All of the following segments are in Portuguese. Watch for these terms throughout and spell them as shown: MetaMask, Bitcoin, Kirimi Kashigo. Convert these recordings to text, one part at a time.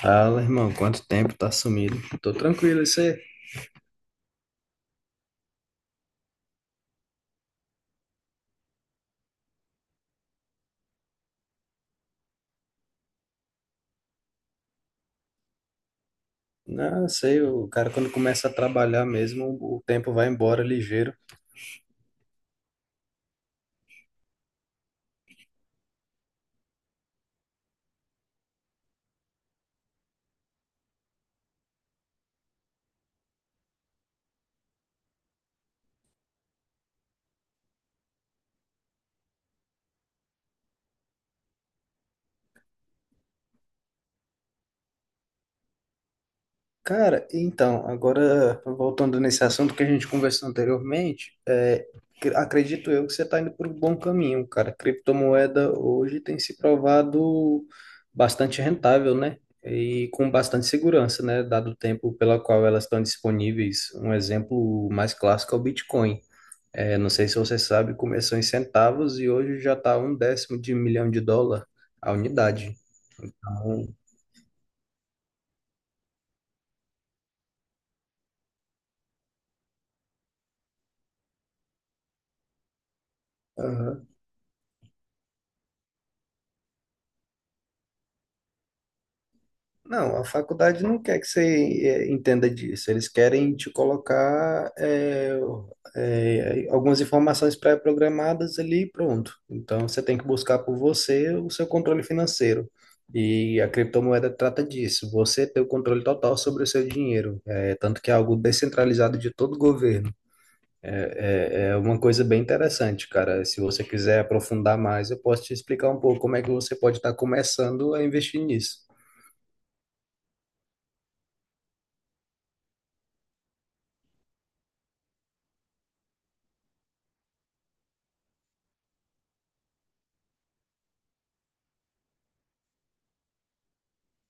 Fala, irmão, quanto tempo tá sumido? Tô tranquilo, isso aí. Não, sei, o cara quando começa a trabalhar mesmo, o tempo vai embora ligeiro. Cara, então, agora voltando nesse assunto que a gente conversou anteriormente, acredito eu que você tá indo por um bom caminho, cara. Criptomoeda hoje tem se provado bastante rentável, né? E com bastante segurança, né? Dado o tempo pela qual elas estão disponíveis. Um exemplo mais clássico é o Bitcoin. É, não sei se você sabe, começou em centavos e hoje já está um décimo de milhão de dólar a unidade. Então, aham. Não, a faculdade não quer que você entenda disso. Eles querem te colocar algumas informações pré-programadas ali, e pronto. Então você tem que buscar por você o seu controle financeiro. E a criptomoeda trata disso, você ter o controle total sobre o seu dinheiro. É, tanto que é algo descentralizado de todo o governo. É, é uma coisa bem interessante, cara. Se você quiser aprofundar mais, eu posso te explicar um pouco como é que você pode estar começando a investir nisso.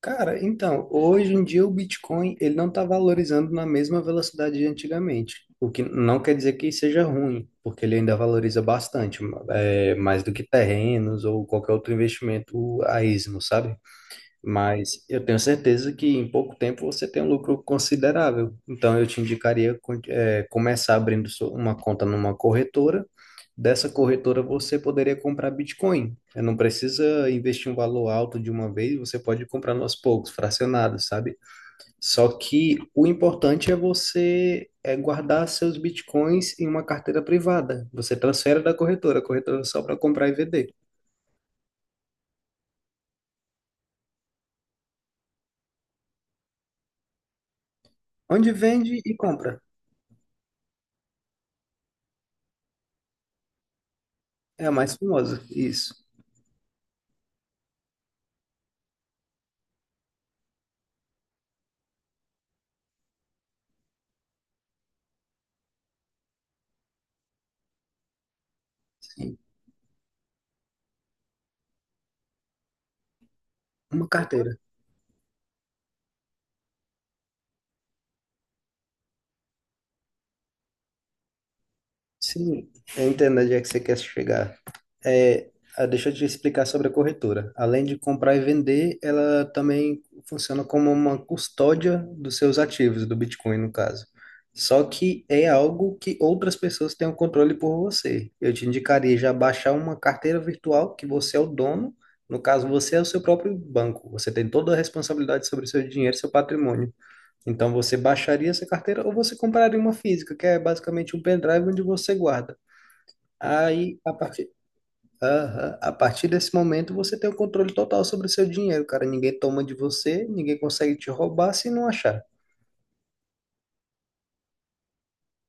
Cara, então, hoje em dia o Bitcoin ele não está valorizando na mesma velocidade de antigamente, o que não quer dizer que seja ruim, porque ele ainda valoriza bastante, é, mais do que terrenos ou qualquer outro investimento a esmo, sabe? Mas eu tenho certeza que em pouco tempo você tem um lucro considerável. Então eu te indicaria começar abrindo uma conta numa corretora. Dessa corretora você poderia comprar Bitcoin. Eh, não precisa investir um valor alto de uma vez, você pode comprar aos poucos, fracionados, sabe? Só que o importante é você guardar seus Bitcoins em uma carteira privada. Você transfere da corretora, a corretora é só para comprar e vender. Onde vende e compra. É a mais famosa, isso. Uma carteira. Sim, eu entendo onde é que você quer chegar. É, ah, deixa eu te explicar sobre a corretora. Além de comprar e vender, ela também funciona como uma custódia dos seus ativos, do Bitcoin, no caso. Só que é algo que outras pessoas têm o controle por você. Eu te indicaria já baixar uma carteira virtual que você é o dono. No caso, você é o seu próprio banco. Você tem toda a responsabilidade sobre o seu dinheiro, seu patrimônio. Então você baixaria essa carteira ou você compraria uma física, que é basicamente um pendrive onde você guarda. Aí, a partir, aham. A partir desse momento, você tem o controle total sobre o seu dinheiro, cara. Ninguém toma de você, ninguém consegue te roubar se não achar.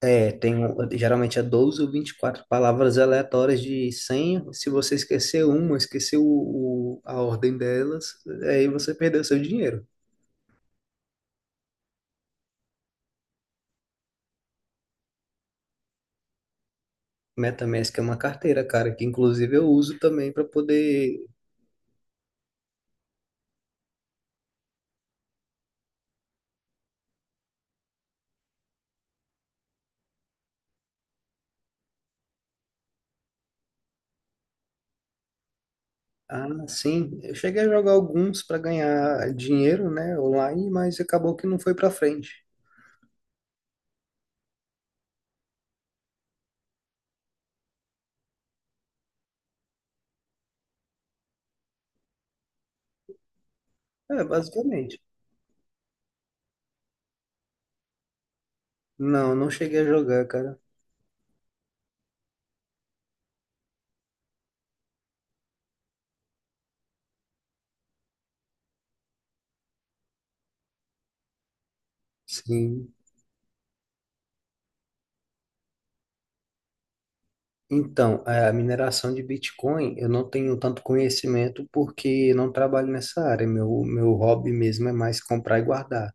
É, geralmente é 12 ou 24 palavras aleatórias de senha. Se você esquecer uma, esquecer a ordem delas, aí você perdeu seu dinheiro. MetaMask é uma carteira, cara, que inclusive eu uso também para poder... Ah, sim. Eu cheguei a jogar alguns para ganhar dinheiro, né, online, mas acabou que não foi para frente. É, basicamente. Não, não cheguei a jogar, cara. Sim. Então, a mineração de Bitcoin, eu não tenho tanto conhecimento porque eu não trabalho nessa área. Meu hobby mesmo é mais comprar e guardar.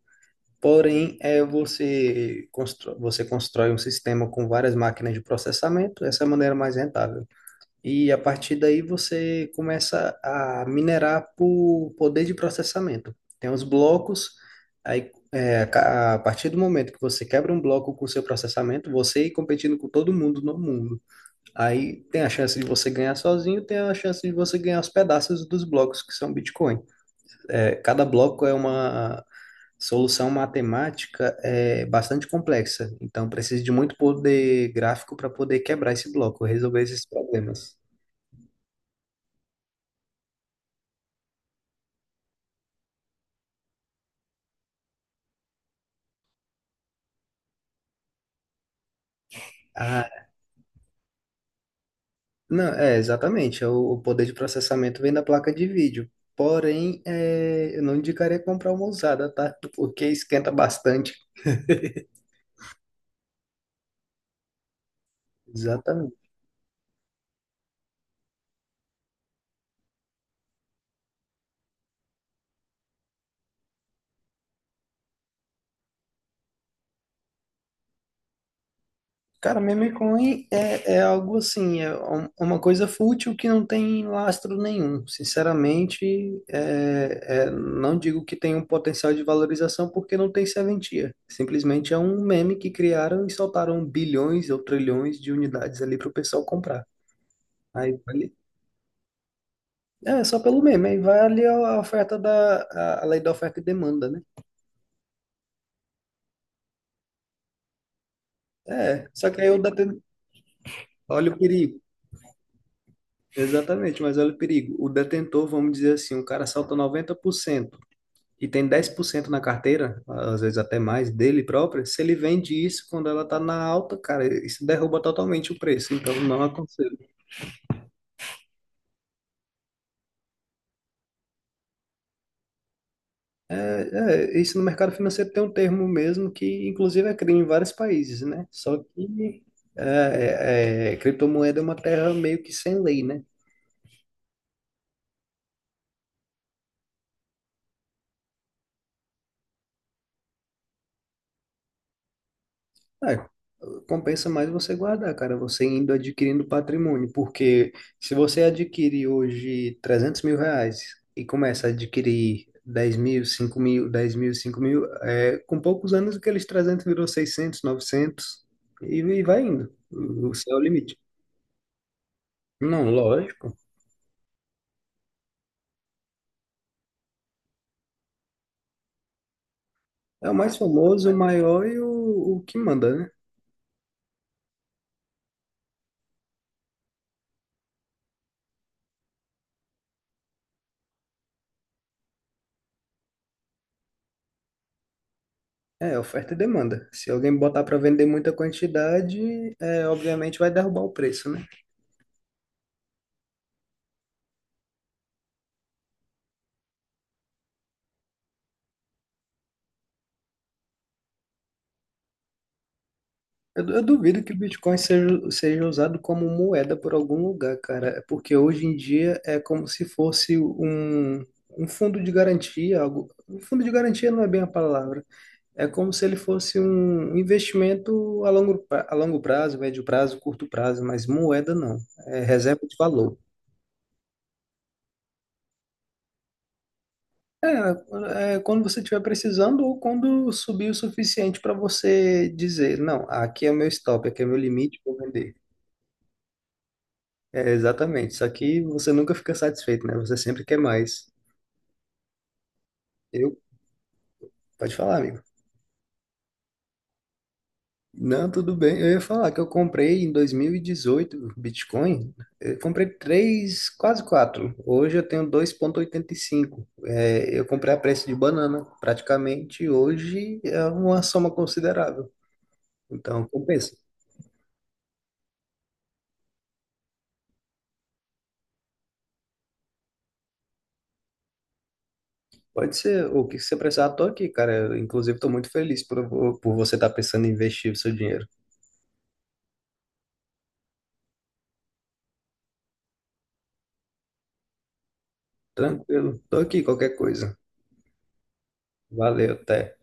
Porém, é você constrói um sistema com várias máquinas de processamento, essa é a maneira mais rentável. E a partir daí você começa a minerar por poder de processamento. Tem os blocos, a partir do momento que você quebra um bloco com o seu processamento, você ir competindo com todo mundo no mundo. Aí tem a chance de você ganhar sozinho, tem a chance de você ganhar os pedaços dos blocos que são Bitcoin. É, cada bloco é uma solução matemática é bastante complexa, então precisa de muito poder gráfico para poder quebrar esse bloco, resolver esses problemas. Ah, não, é, exatamente. É o poder de processamento vem da placa de vídeo. Porém, é, eu não indicaria comprar uma usada, tá? Porque esquenta bastante. Exatamente. Cara, meme coin é, é algo assim, uma coisa fútil que não tem lastro nenhum. Sinceramente, não digo que tem um potencial de valorização porque não tem serventia. Simplesmente é um meme que criaram e soltaram bilhões ou trilhões de unidades ali para o pessoal comprar. Aí, vale É, só pelo meme. Aí vale a oferta a lei da oferta e demanda, né? É, só que aí o detentor, olha o perigo. Exatamente, mas olha o perigo. O detentor, vamos dizer assim, o cara salta 90% e tem 10% na carteira, às vezes até mais, dele próprio. Se ele vende isso quando ela tá na alta, cara, isso derruba totalmente o preço. Então, não aconselho. Isso no mercado financeiro tem um termo mesmo que, inclusive, é crime em vários países, né? Só que criptomoeda é uma terra meio que sem lei, né? É, compensa mais você guardar, cara, você indo adquirindo patrimônio, porque se você adquirir hoje R$ 300.000 e começa a adquirir 10.000, 5.000, 10.000, 5.000, é, com poucos anos aqueles 300 virou 600, 900 e vai indo, o céu é o limite. Não, lógico, é o mais famoso, o maior e o que manda, né? É, oferta e demanda. Se alguém botar para vender muita quantidade, é, obviamente vai derrubar o preço, né? Eu duvido que o Bitcoin seja usado como moeda por algum lugar, cara. É porque hoje em dia é como se fosse um, um fundo de garantia, algo. Um fundo de garantia não é bem a palavra. É como se ele fosse um investimento a longo prazo, médio prazo, curto prazo, mas moeda não. É reserva de valor. É, é quando você estiver precisando ou quando subir o suficiente para você dizer, não, aqui é o meu stop, aqui é o meu limite, vou vender. É, exatamente. Só que você nunca fica satisfeito, né? Você sempre quer mais. Eu, pode falar, amigo. Não, tudo bem. Eu ia falar que eu comprei em 2018 Bitcoin. Eu comprei três, quase quatro. Hoje eu tenho 2,85. É, eu comprei a preço de banana, praticamente. Hoje é uma soma considerável. Então, compensa. Pode ser. O que você precisar, tô aqui, cara. Eu, inclusive, estou muito feliz por você estar pensando em investir o seu dinheiro. Tranquilo. Tô aqui, qualquer coisa. Valeu, até.